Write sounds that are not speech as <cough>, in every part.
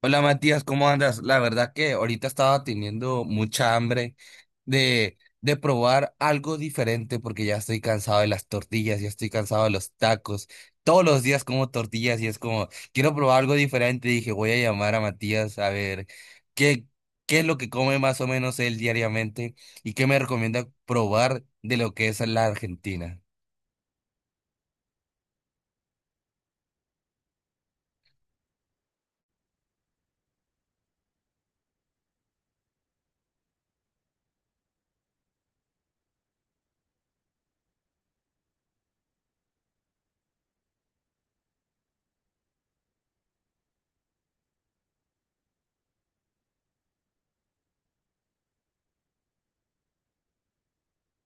Hola Matías, ¿cómo andas? La verdad que ahorita estaba teniendo mucha hambre de probar algo diferente porque ya estoy cansado de las tortillas, ya estoy cansado de los tacos. Todos los días como tortillas y es como, quiero probar algo diferente. Dije, voy a llamar a Matías a ver qué, qué es lo que come más o menos él diariamente y qué me recomienda probar de lo que es la Argentina.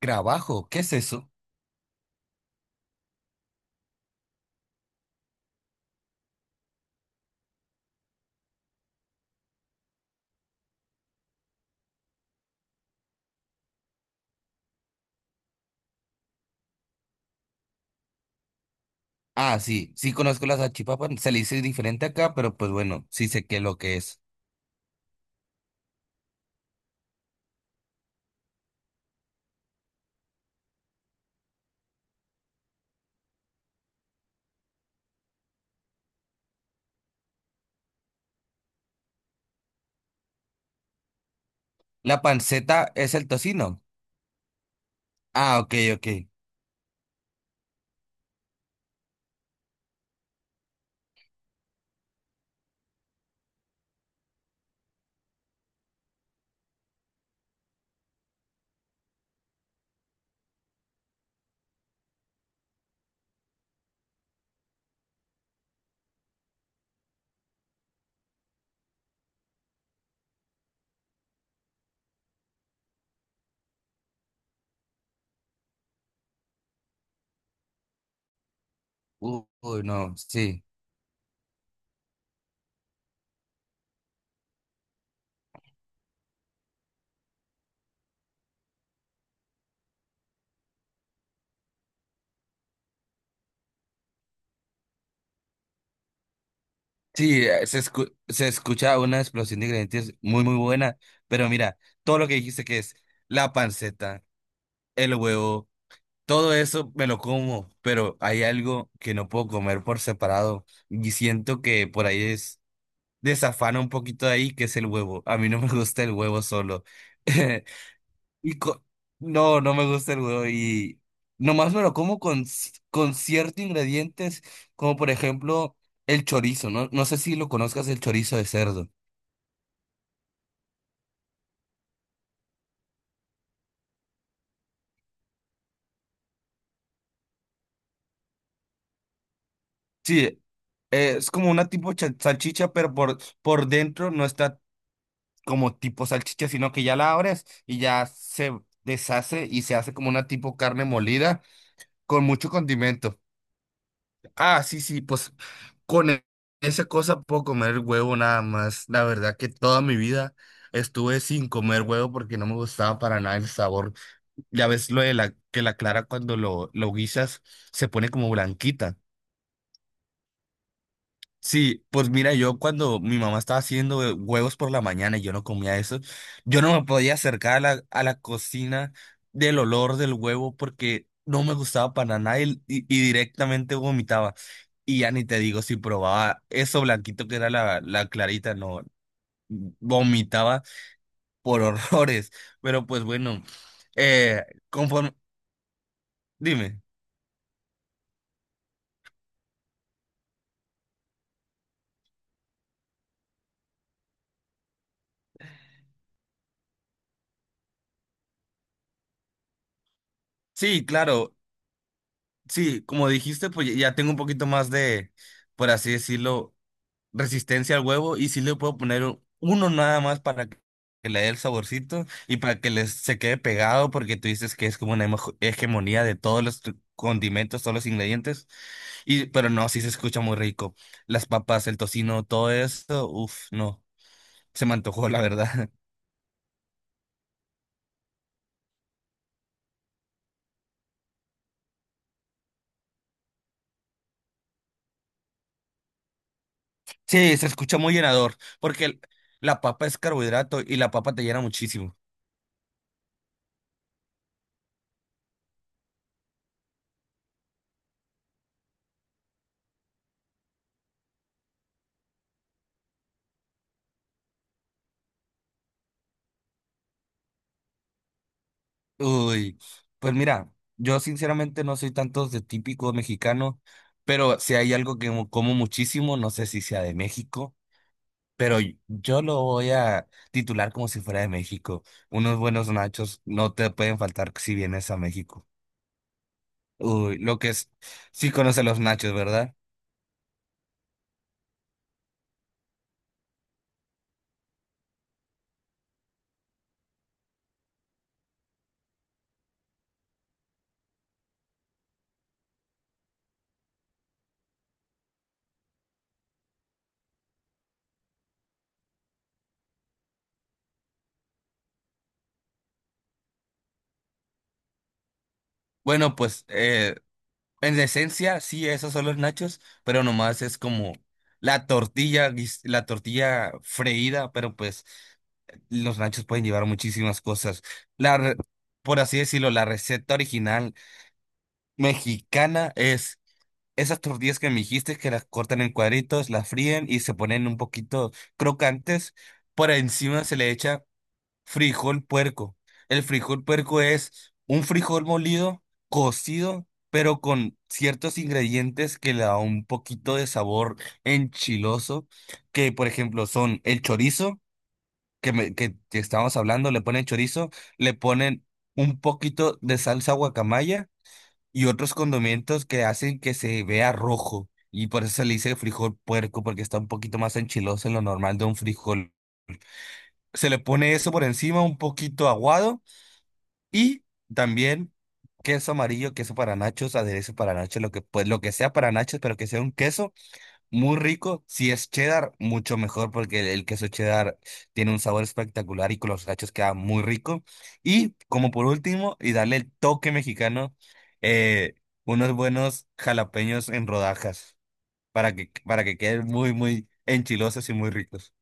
Trabajo, ¿qué es eso? Ah, sí, sí conozco las achipapas, se le dice diferente acá, pero pues bueno, sí sé qué es lo que es. La panceta es el tocino. Ah, ok, ok. Uy, no, sí. Sí, se escucha una explosión de ingredientes muy, muy buena. Pero mira, todo lo que dijiste que es la panceta, el huevo, todo eso me lo como. Pero hay algo que no puedo comer por separado. Y siento que por ahí es desafana un poquito de ahí, que es el huevo. A mí no me gusta el huevo solo. <laughs> Y co- no, no me gusta el huevo. Y nomás me lo como con, con ciertos ingredientes, como por ejemplo el chorizo, ¿no? No sé si lo conozcas, el chorizo de cerdo. Sí, es como una tipo salchicha, pero por dentro no está como tipo salchicha, sino que ya la abres y ya se deshace y se hace como una tipo carne molida con mucho condimento. Ah, sí, sí, pues con e- esa cosa puedo comer huevo nada más. La verdad que toda mi vida estuve sin comer huevo porque no me gustaba para nada el sabor. Ya ves lo de la que la clara cuando lo guisas se pone como blanquita. Sí, pues mira, yo cuando mi mamá estaba haciendo huevos por la mañana y yo no comía eso, yo no me podía acercar a a la cocina del olor del huevo porque no me gustaba para nada y y- directamente vomitaba. Y ya ni te digo si probaba eso blanquito que era la clarita, no, vomitaba por <laughs> horrores. Pero pues bueno, conforme, dime, sí, claro, sí, como dijiste, pues ya tengo un poquito más de, por así decirlo, resistencia al huevo y sí le puedo poner uno nada más para que le dé el saborcito y para que les se quede pegado porque tú dices que es como una hegemonía de todos los condimentos, todos los ingredientes. Y pero no, sí se escucha muy rico. Las papas, el tocino, todo eso, uff, no, se me antojó la verdad. <laughs> Sí, se escucha muy llenador porque la papa es carbohidrato y la papa te llena muchísimo. Uy, pues mira, yo sinceramente no soy tanto de típico mexicano, pero si hay algo que como muchísimo, no sé si sea de México, pero yo lo voy a titular como si fuera de México. Unos buenos nachos no te pueden faltar si vienes a México. Uy, lo que es, sí conoce los nachos, ¿verdad? Bueno, pues en esencia sí, esos son los nachos, pero nomás es como la tortilla, la tortilla freída, pero pues los nachos pueden llevar muchísimas cosas. La, re- por así decirlo, la receta original mexicana es esas tortillas que me dijiste que las cortan en cuadritos, las fríen y se ponen un poquito crocantes. Por encima se le echa frijol puerco. El frijol puerco es un frijol molido, cocido, pero con ciertos ingredientes que le da un poquito de sabor enchiloso, que por ejemplo son el chorizo que estábamos hablando, le ponen chorizo, le ponen un poquito de salsa guacamaya y otros condimentos que hacen que se vea rojo. Y por eso se le dice frijol puerco, porque está un poquito más enchiloso en lo normal de un frijol. Se le pone eso por encima, un poquito aguado, y también queso amarillo, queso para nachos, aderezo para nachos, lo que, pues, lo que sea para nachos, pero que sea un queso. Muy rico, si es cheddar, mucho mejor porque el queso cheddar tiene un sabor espectacular y con los gachos queda muy rico. Y como por último, y darle el toque mexicano, eh, unos buenos jalapeños en rodajas para para que queden muy, muy enchilosos y muy ricos.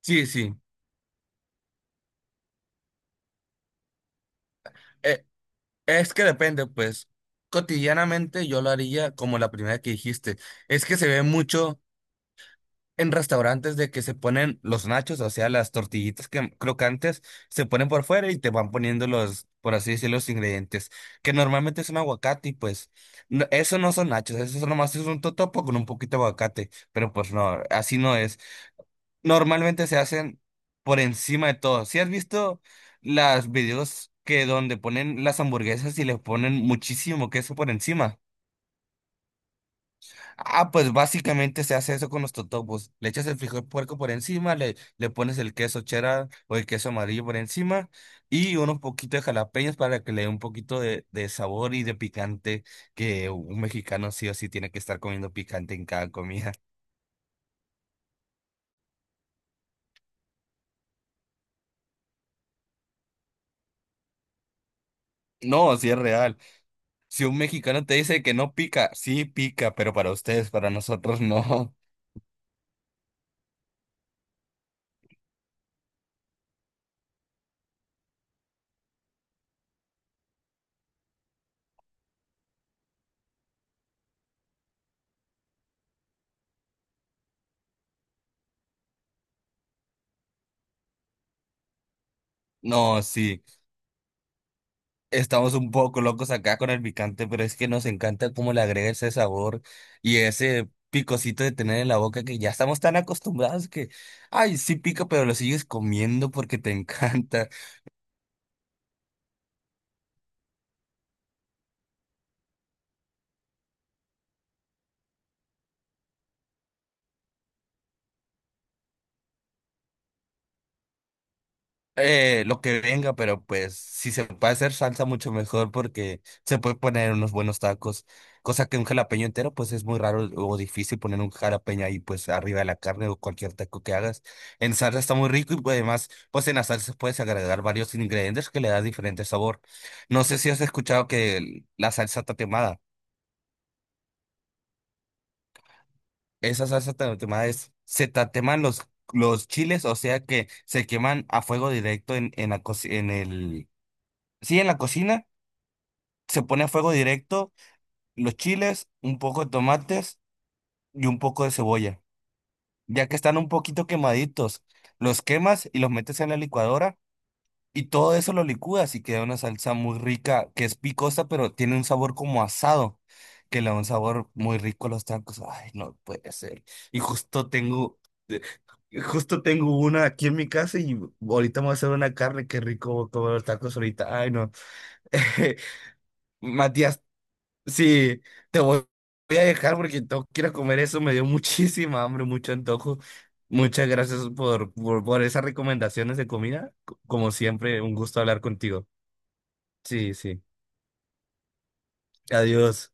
Sí, sí, eh, es que depende, pues cotidianamente yo lo haría como la primera que dijiste. Es que se ve mucho en restaurantes de que se ponen los nachos, o sea, las tortillitas que, crocantes, se ponen por fuera y te van poniendo los, por así decirlo, los ingredientes, que normalmente es un aguacate y pues eso no son nachos, eso nomás es un totopo con un poquito de aguacate, pero pues no, así no es. Normalmente se hacen por encima de todo. ¿Si has visto las videos que donde ponen las hamburguesas y le ponen muchísimo queso por encima? Ah, pues básicamente se hace eso con los totopos. Le echas el frijol puerco por encima, le pones el queso cheddar o el queso amarillo por encima y unos poquitos de jalapeños para que le dé un poquito de sabor y de picante, que un mexicano sí o sí tiene que estar comiendo picante en cada comida. <laughs> No, sí es real. Si un mexicano te dice que no pica, sí pica, pero para ustedes, para nosotros <laughs> no. No, sí. Estamos un poco locos acá con el picante, pero es que nos encanta cómo le agrega ese sabor y ese picocito de tener en la boca que ya estamos tan acostumbrados que, ay, sí pica, pero lo sigues comiendo porque te <laughs> encanta. Lo que venga, pero pues si se puede hacer salsa mucho mejor porque se puede poner unos buenos tacos, cosa que un jalapeño entero pues es muy raro o difícil poner un jalapeño ahí pues arriba de la carne o cualquier taco que hagas. En salsa está muy rico y pues, además pues en la salsa puedes agregar varios ingredientes que le da diferente sabor. No sé si has escuchado que la salsa tatemada, esa salsa tatemada es, se tateman los chiles, o sea que se queman a fuego directo en la, en el... Sí, en la cocina. Se pone a fuego directo los chiles, un poco de tomates y un poco de cebolla. Ya que están un poquito quemaditos, los quemas y los metes en la licuadora y todo eso lo licúas y queda una salsa muy rica que es picosa, pero tiene un sabor como asado, que le da un sabor muy rico a los tacos. Ay, no puede ser. Y eh, justo tengo una aquí en mi casa y ahorita me voy a hacer una carne. Qué rico comer los tacos ahorita. Ay, no. <laughs> Matías. Sí, te voy voy a dejar porque tengo que ir a comer eso. Me dio <laughs> muchísima hambre, mucho antojo. Muchas gracias por esas recomendaciones de comida. Como siempre, un gusto hablar contigo. Sí, sí. Adiós.